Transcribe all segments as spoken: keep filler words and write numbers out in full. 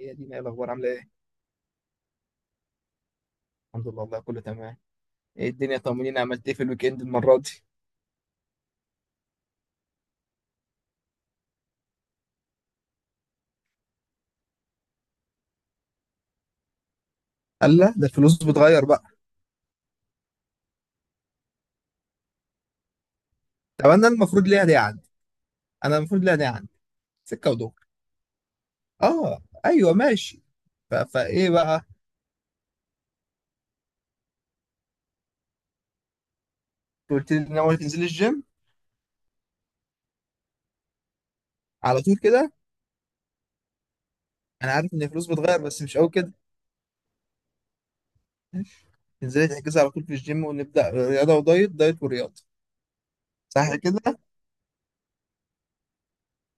هي دي ايه الاخبار؟ عامله ايه؟ الحمد لله، والله كله تمام. ايه الدنيا، طمنيني، عملت ايه في الويك اند المره دي؟ قال لا ده الفلوس بتغير بقى. طب انا المفروض ليها دي عندي، انا المفروض ليها دي عندي سكه ودور. اه ايوه ماشي. ف... فايه بقى؟ قلت لي ان اول تنزل الجيم على طول كده. انا عارف ان الفلوس بتغير بس مش قوي كده. تنزلي تحجزي على طول في الجيم ونبدا رياضه ودايت دايت ورياضه. صح كده.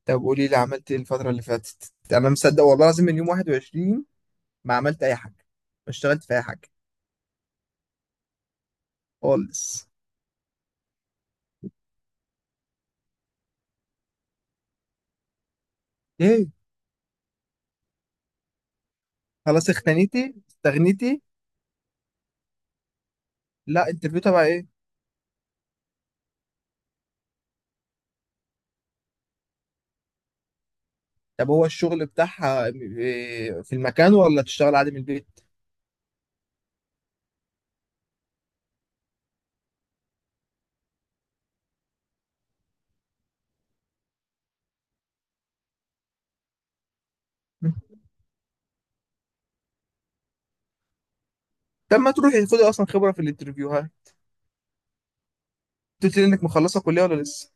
طب قولي لي عملت ايه الفتره اللي فاتت، انا مصدق والله العظيم من يوم واحد وعشرين ما عملت اي حاجه، ما اشتغلت في اي حاجه خالص. ايه. خلاص اختنيتي استغنيتي. لا انترفيو تبع ايه؟ طب هو الشغل بتاعها إيه، في المكان ولا تشتغل عادي من البيت؟ طب ما تروحي خدي اصلا خبره في الانترفيو، ها. قلت لي انك مخلصه كليه ولا لسه؟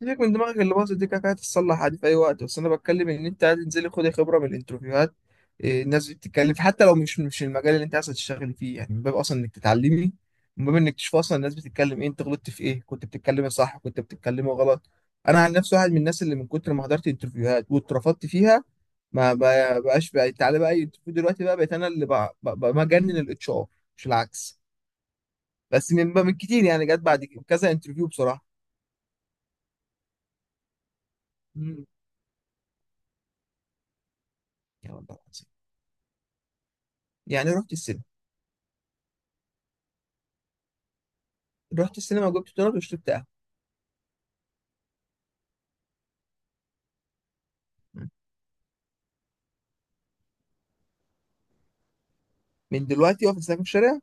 سيبك من دماغك اللي باظت دي، كده كده هتتصلح عادي في اي وقت، بس انا بتكلم ان انت عايز تنزلي خدي خبره من الانترفيوهات. إيه، الناس دي بتتكلم في- حتى لو مش مش المجال اللي انت عايز تشتغلي فيه، يعني من باب اصلا انك تتعلمي. من باب انك تشوف اصلا الناس بتتكلم ايه، انت غلطت في ايه، كنت بتتكلمي صح كنت بتتكلمي غلط. انا عن نفسي واحد من الناس اللي من كتر ما حضرت انترفيوهات واترفضت فيها، ما بقى- بقاش بقى تعالى بقى اي انترفيو دلوقتي، بقى بقيت انا اللي بقى بقى بقى بجنن الاتش ار، مش العكس. بس من من كتير يعني جت بعد كذا انترفيو بصراحه. مم، يا والله العظيم، يعني رحت السلم، رحت السينما وجبت دونات وشربت قهوه. من دلوقتي واقف استناك في الشارع؟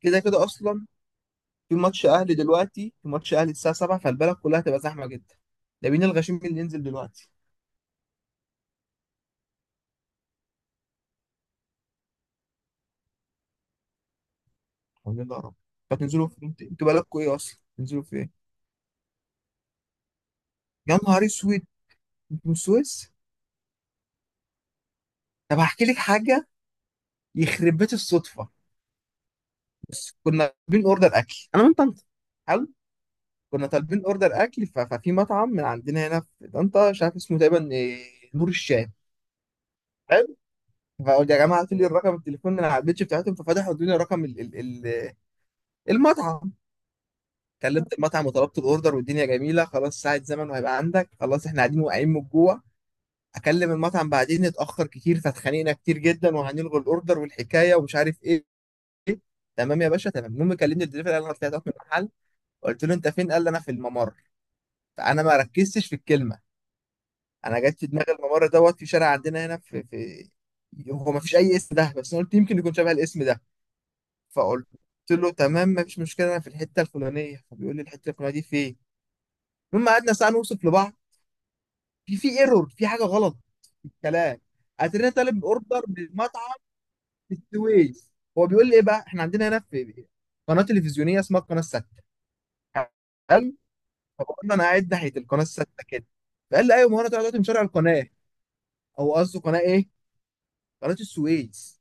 كده كده اصلا. في ماتش اهلي دلوقتي، في ماتش اهلي الساعه السابعة، فالبلد كلها هتبقى زحمه جدا. ده مين الغشيم اللي ينزل دلوقتي؟ قول لنا يا رب. فتنزلوا في انت- انتوا بالكوا ايه اصلا، تنزلوا في ايه؟ يا نهار اسود، انتوا من السويس؟ طب هحكي لك حاجه. يخرب بيت الصدفه. كنا طالبين اوردر اكل انا من طنطا. حلو. كنا طالبين اوردر اكل ف- ففي مطعم من عندنا هنا في طنطا، مش عارف اسمه تقريبا إيه، نور الشام. فقلت يا جماعه هاتوا لي الرقم التليفون اللي على البيتش بتاعتهم، ففتحوا ادوني رقم ال ال ال المطعم. كلمت المطعم وطلبت الاوردر والدنيا جميله، خلاص ساعه زمن وهيبقى عندك، خلاص احنا قاعدين واقعين من الجوع. اكلم المطعم بعدين، اتاخر كتير فاتخانقنا كتير جدا وهنلغي الاوردر والحكايه ومش عارف ايه. تمام يا باشا، تمام. المهم كلمني الدليفري، قال انا طلعت أقف من المحل. قلت له انت فين؟ قال لي انا في الممر. فانا ما ركزتش في الكلمه. انا جت في دماغي الممر دوت في شارع عندنا هنا في في. هو ما فيش اي اسم ده، بس انا قلت يمكن يكون شبه الاسم ده. فقلت له تمام، مفيش مشكله، انا في الحته الفلانيه، فبيقول لي الحته الفلانيه دي فين؟ المهم قعدنا ساعه نوصف لبعض. في في ايرور، في حاجه غلط في الكلام. اترينا طالب اوردر من مطعم في السويس، هو بيقول لي ايه بقى، احنا عندنا هنا في قناه تلفزيونيه اسمها القناه السادسه. حلو. فبقول له انا قاعد ناحيه القناه السادسه كده. فقال لي ايوه، ما هو انا دلوقتي من شارع القناه. او قصده قناه ايه، قناه السويس.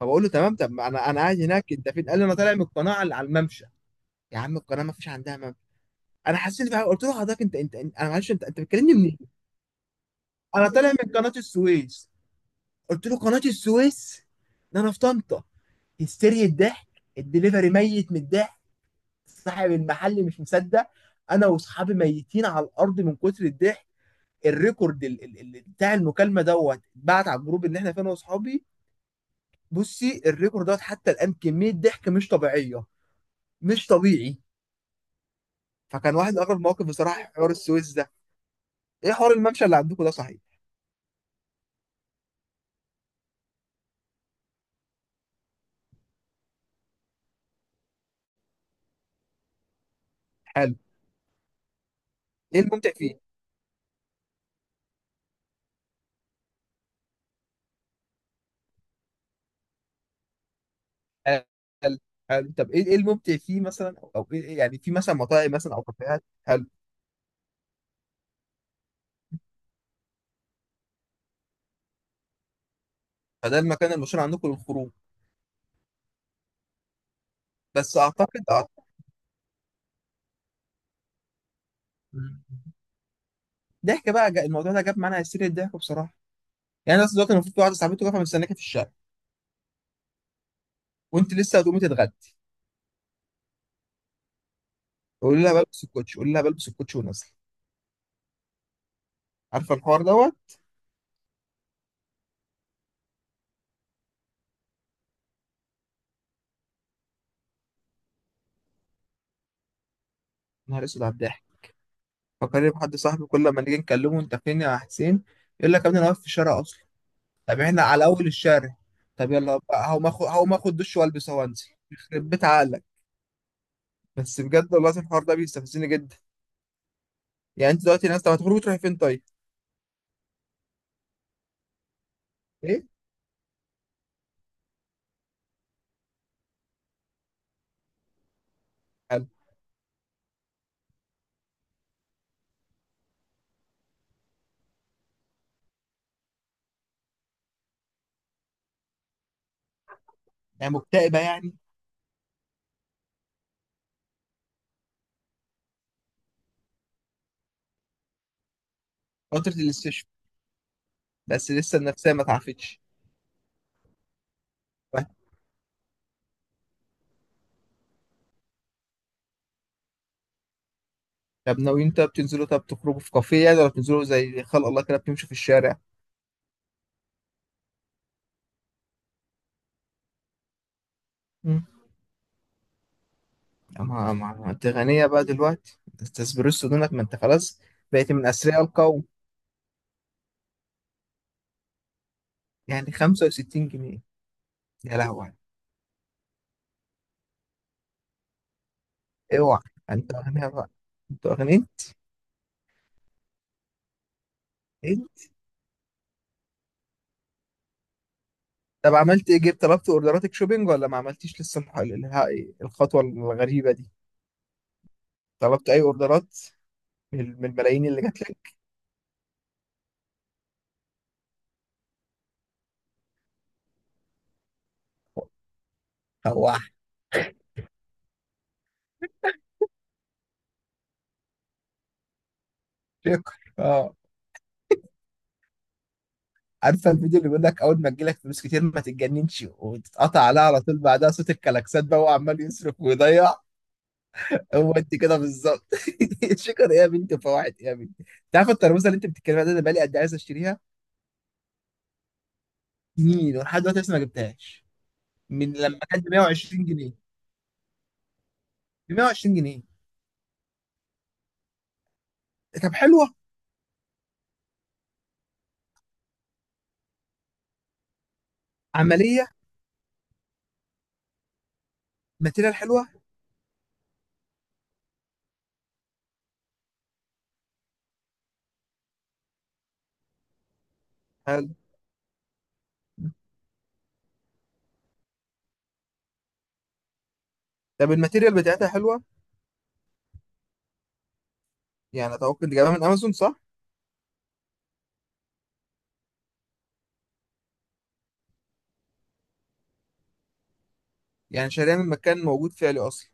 فبقول له تمام، طب ما انا انا قاعد هناك، انت فين؟ قال لي انا طالع من القناه على على الممشى. يا عم القناه ما فيش عندها. انا حسيت بقى، قلت له حضرتك انت انت انت- انا معلش، انت انت بتكلمني منين؟ انا طالع من قناه السويس. قلت له قناه السويس؟ ده انا في طنطا. هستيريا الضحك. الدليفري ميت من الضحك. صاحب المحل مش مصدق. انا واصحابي ميتين على الارض من كتر الضحك. الريكورد ال- ال- ال- بتاع المكالمه دوت اتبعت على الجروب اللي احنا فيه انا واصحابي. بصي الريكورد دوت حتى الان كميه ضحك مش طبيعيه، مش طبيعي. فكان واحد من اغرب المواقف بصراحه حوار السويس ده. ايه حوار الممشى اللي عندكم ده صحيح؟ حلو. ايه الممتع فيه؟ هل هل طب ايه إيه الممتع فيه مثلا، او أو ايه إيه يعني في مثلا مطاعم مثلا او كافيهات، هل؟ فده المكان المشهور عندكم للخروج. بس اعتقد أعتقد- مم. ضحك بقى، جا- الموضوع ده جاب معانا هستيريا الضحك بصراحه. يعني انا أصل دلوقتي المفروض في واحده صاحبتي واقفه مستناكي في الشارع، وانت لسه هتقومي تتغدي. قولي لها بلبس الكوتش، قولي لها بلبس الكوتش ونازله. عارفه الحوار دوت. نهار اسود على الضحك. فكرني بحد صاحبي كل ما نيجي نكلمه انت فين يا حسين؟ يقول لك يا ابني انا واقف في الشارع اصلا. طب احنا على اول الشارع. طب يلا بقى، هقوم اخد هقوم اخد دش والبس وانزل. يخرب بيت عقلك. بس بجد والله العظيم الحوار ده بيستفزني جدا. يعني انت دلوقتي الناس، طب هتخرجوا تروحي فين طيب؟ ايه؟ حلو. يعني مكتئبه يعني. فتره الاستشفاء. بس لسه النفسيه ما تعافتش. طيب. طب ناويين طب تنزلوا طب تخرجوا في كافيه يعني، ولا بتنزلوا زي خلق الله كده بتمشوا في الشارع؟ مم. ما ما ما انت غنيه بقى دلوقتي، انت اسبريسو دونك، ما انت خلاص. بقيت من اثرياء القوم. يعني خمسة وستين جنيه. يا لهوي. اوعى. انت اغنياء بقى، انت اغنياء. ايه. طب عملت ايه؟ جبت طلبت اوردراتك شوبينج ولا ما عملتيش لسه الح- الها- الخطوه الغريبه دي؟ طلبت اي اوردرات من من الملايين اللي جات لك؟ هو. شكر اه. عارفه الفيديو اللي بيقول لك اول ما تجيلك فلوس كتير ما تتجننش وتتقطع عليها على طول، بعدها صوت الكلاكسات بقى وعمال يصرف ويضيع. هو انت كده بالظبط. شكر ايه يا بنتي، وفواحد ايه يا بنتي، انت عارفه الترموزه اللي انت بتتكلم عليها دي، انا بقالي قد إيه عايز اشتريها؟ سنين، ولحد دلوقتي لسه ما جبتهاش. من لما كانت ب مئة وعشرين جنيه. ب مية وعشرين جنيه. طب حلوه. عمليه. ماتيريال حلوه. حلو. طب الماتيريال بتاعتها حلوه. يعني اتوقع انت جايبها من امازون، صح؟ يعني شاريها من مكان موجود فعلي اصلا.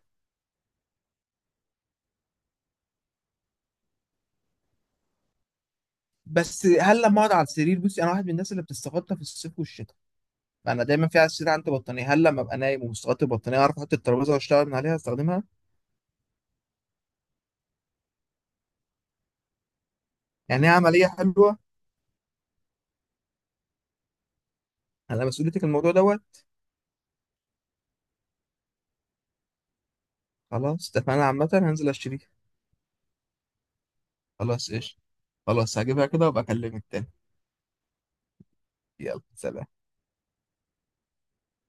بس هل لما اقعد على السرير، بصي انا واحد من الناس اللي بتستغطى في الصيف والشتاء. انا دايما في على السرير عندي بطانيه، هل لما ابقى نايم ومستغطي البطانيه اعرف احط الترابيزه واشتغل من عليها استخدمها؟ يعني هي عمليه حلوه. انا مسؤوليتك الموضوع دوت. خلاص اتفقنا عامه، هنزل اشتريها. خلاص ايش. خلاص هجيبها كده وابقى اكلمك تاني. يلا سلام.